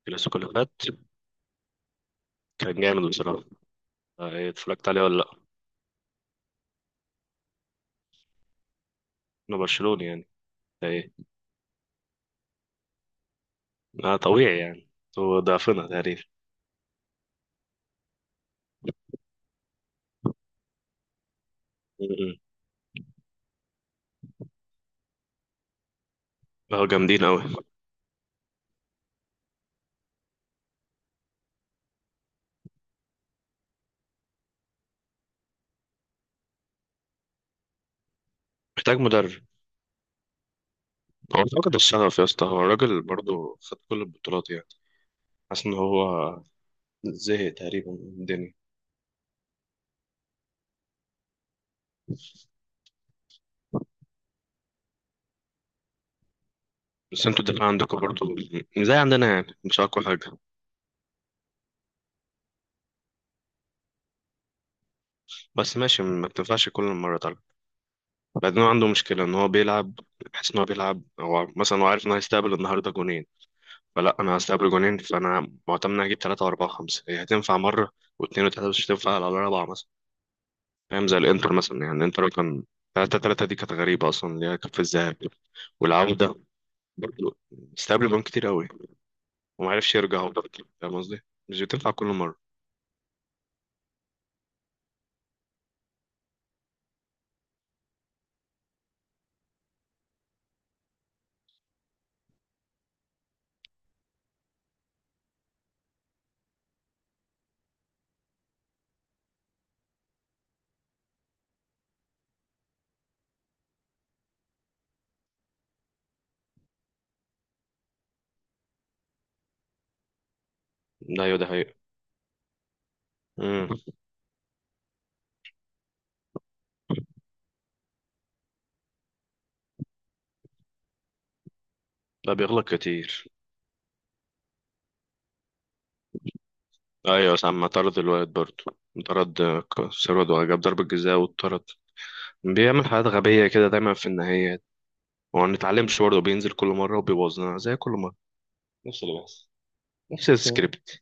الكلاسيكو اللي فات كان جامد بصراحة. آه، ايه اتفرجت عليه ولا لأ؟ أنا برشلوني يعني، ده ايه. آه طبيعي يعني، هو ضعفنا تقريبا. م-م. هو جامدين أوي. محتاج مدرب. هو فقد الشغف يا اسطى، هو الراجل برضه خد كل البطولات يعني. حاسس إن هو زهق تقريبا من الدنيا. بس انتوا الدفاع عندكم برضه زي عندنا يعني، مش أقوى حاجة. بس ماشي، ما بتنفعش كل مرة طبعا. بعدين هو عنده مشكلة إن هو بيلعب، بحس إن هو بيلعب، هو مثلا هو عارف إن هو هيستقبل النهاردة جونين. فلا، انا هستقبل جونين فانا معتمد اني هجيب ثلاثه واربعه وخمسه، هي هتنفع مره واثنين وثلاثه بس مش هتنفع على الاربعه مثلا. فاهم؟ زي الانتر مثلا، يعني الانتر كان ثلاثه ثلاثه، دي كانت غريبه اصلا اللي هي كانت في الذهاب والعوده. برضه استقبل جون كتير قوي وما عرفش يرجع برضه. فاهم قصدي؟ مش بتنفع كل مره. ده ايوه، ده حقيقة. امم، لا بيغلط كتير. ايوه ساعة ما طرد الواد برضه. طرد آه، سيرود وجاب ضربة جزاء واتطرد. بيعمل حاجات غبية كده دايما في النهاية. وما بنتعلمش برضه، بينزل كل مرة وبيبوظنا زي كل مرة. نفس البحث. نفس السكريبت.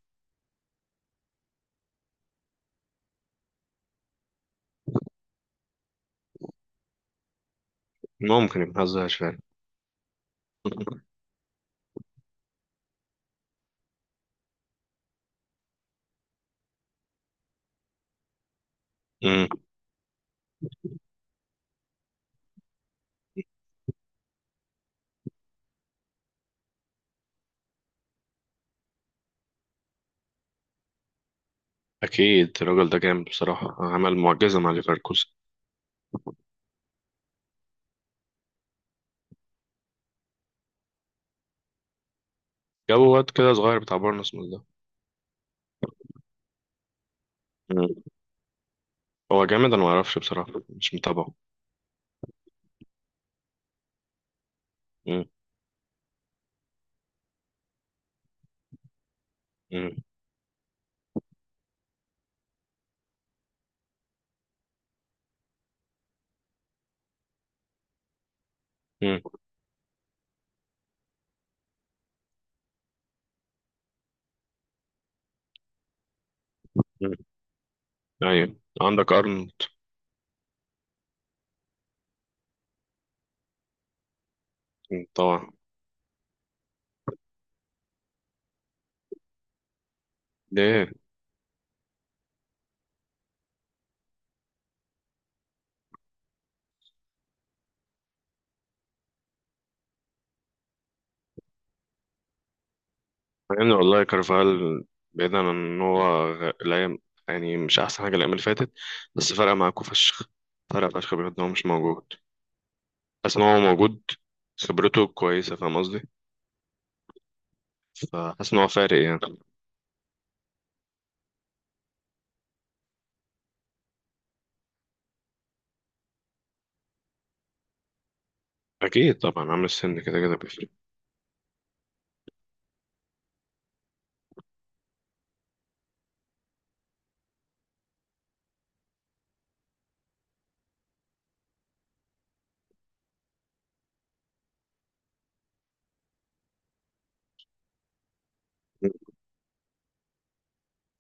ممكن، ما بنهزرش فعلا. أمم، اكيد الراجل ده جامد بصراحه، عمل معجزه مع ليفركوزن. جابوا واد كده صغير بتاع بورنموث ده. أمم، هو جامد، انا ما اعرفش بصراحه، مش متابعه. أمم، أمم، أمم، أمم. ايوه، عندك ارنولد. أمم، طبعا. ليه؟ مع ان والله كارفال، بعيدا عن ان هو الايام، يعني مش احسن حاجه الايام اللي فاتت. بس فرق معاكوا فشخ، فرق فشخ بجد إن هو مش موجود. بس ان هو موجود، خبرته كويسه، فاهم قصدي؟ فحاسس ان هو فارق يعني. اكيد طبعا، عامل السن كده كده بيفرق.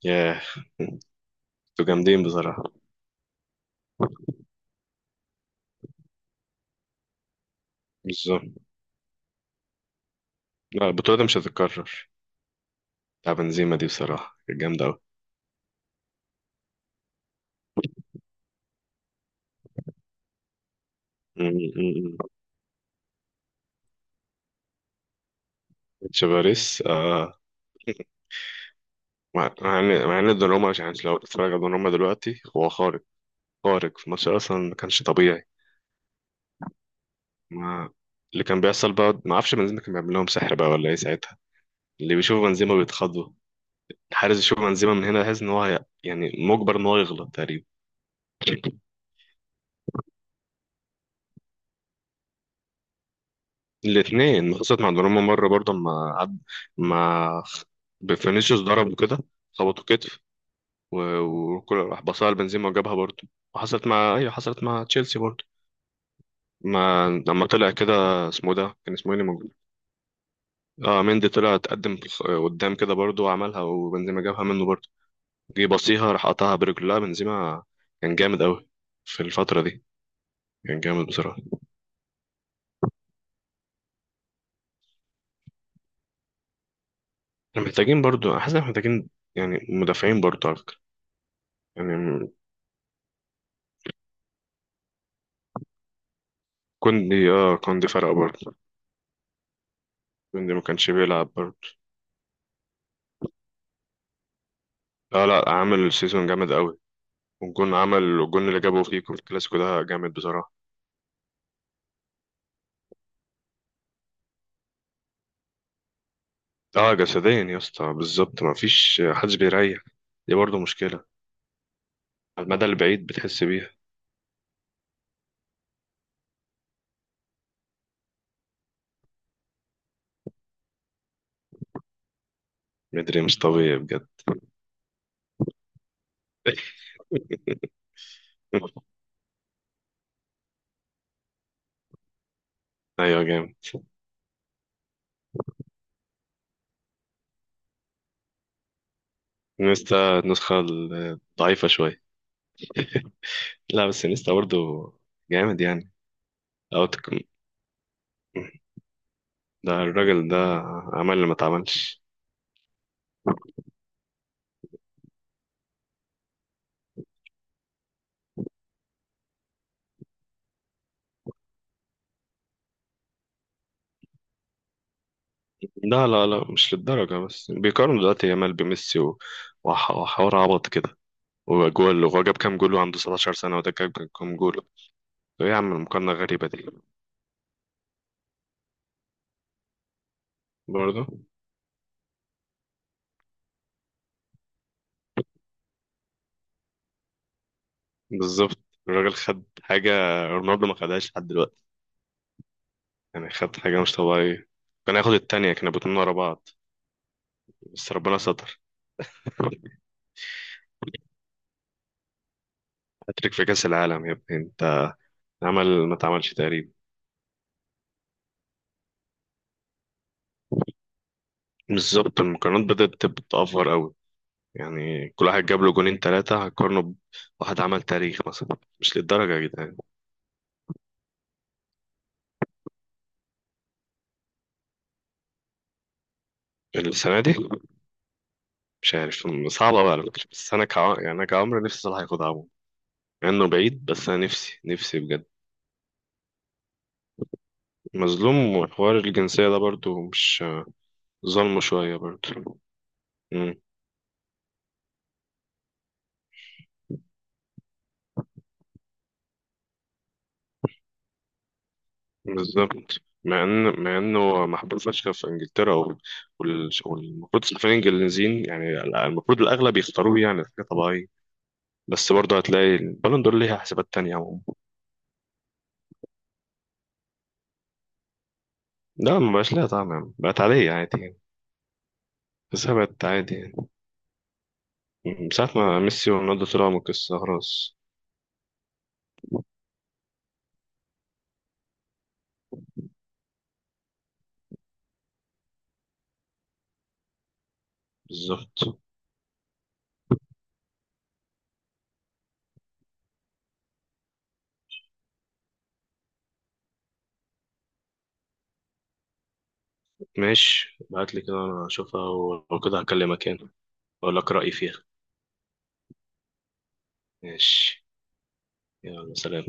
ياه، انتوا جامدين بصراحه. بالظبط. لا البطوله دي مش هتتكرر. بتاع بنزيما دي بصراحه كانت جامده قوي. تشافاريس آه. مع ان دوناروما، مش يعني لو اتفرج على دوناروما دلوقتي هو خارق. خارق في الماتش، اصلا ما كانش طبيعي. ما اللي كان بيحصل بقى ما اعرفش، بنزيما كان بيعمل لهم سحر بقى ولا ايه ساعتها؟ اللي بيشوف بنزيما بيتخضوا. الحارس يشوف بنزيما من هنا يحس ان هو يعني مجبر ان هو يغلط تقريبا. الاثنين حصلت مع دوناروما مرة برضه. ما عد... ما فينيسيوس ضرب وكده، خبطه كتف و- وكل راح بصها لبنزيما وجابها برضه. وحصلت مع، ايوه حصلت مع تشيلسي برضه. ما لما طلع كده، اسمه ده كان اسمه ايه اللي موجود؟ اه مندي، طلع اتقدم قدام كده برضه وعملها وبنزيما جابها منه برضه. جه بصيها راح قطعها برجله، لا بنزيما، كان جامد قوي في الفترة دي. كان جامد بصراحة. احنا محتاجين برضه، حاسس إن إحنا محتاجين يعني مدافعين برضه على فكرة. يعني كوندي، اه كوندي فرق برضه. كوندي ما كانش بيلعب برضه. لا لا، عامل سيزون جامد قوي. والجون، عمل الجون اللي جابه فيكم في الكلاسيكو ده جامد بصراحة. اه جسديا يا اسطى، بالظبط، ما فيش حدش بيريح. دي برضه مشكلة، على المدى البعيد بتحس بيها. مدري مش طبيعي بجد. ايوه جامد. نيستا النسخة الضعيفة شوية. لا بس نيستا برضه جامد يعني. او تك... ده الراجل ده عمل اللي ما اتعملش. لا لا لا، مش للدرجة. بس بيقارنوا دلوقتي يامال بميسي وحوار عبط كده. وجول، وهو جاب كام جول وعنده 17 سنة وده جاب كام جول؟ ايه يا عم المقارنة غريبة دي. برضه. بالظبط. الراجل خد حاجة، رونالدو ما خدهاش لحد دلوقتي. يعني خد حاجة مش طبيعية. كان هياخد التانية، كانوا الاتنين ورا بعض بس ربنا ستر. هاتريك في كأس العالم يا ابني انت. عمل ما اتعملش تقريبا. بالظبط، المقارنات بدأت تأفور قوي. يعني كل واحد جاب له جونين ثلاثة هقارنه بواحد عمل تاريخ مثلا؟ مش للدرجة يا جدعان. السنة دي. مش عارف، صعبة بقى على فكرة. بس أنا يعني أنا كعمر نفسي صلاح ياخدها عموما. مع إنه بعيد، بس أنا نفسي، نفسي بجد. مظلوم، وحوار الجنسية ده برضو مش ظلمه شوية برضو. مم. بالظبط، مع إنه محبوب فشخ في إنجلترا والمفروض الصحفيين الإنجليزيين يعني. المفروض الأغلب يختاروه، يعني حاجة طبيعية. بس برضه هتلاقي البالون دور ليها حسابات تانية عموما. لا ما بقاش ليها طعم يعني. بقت عادية، عادي يعني. بس هي بقت عادي يعني، من ساعة ما ميسي ورونالدو طلعوا من القصة خلاص. بالظبط. ماشي ابعت لي كده، انا اشوفها ولو كده هكلمك يعني، اقول لك رأيي فيها. ماشي. يلا سلام.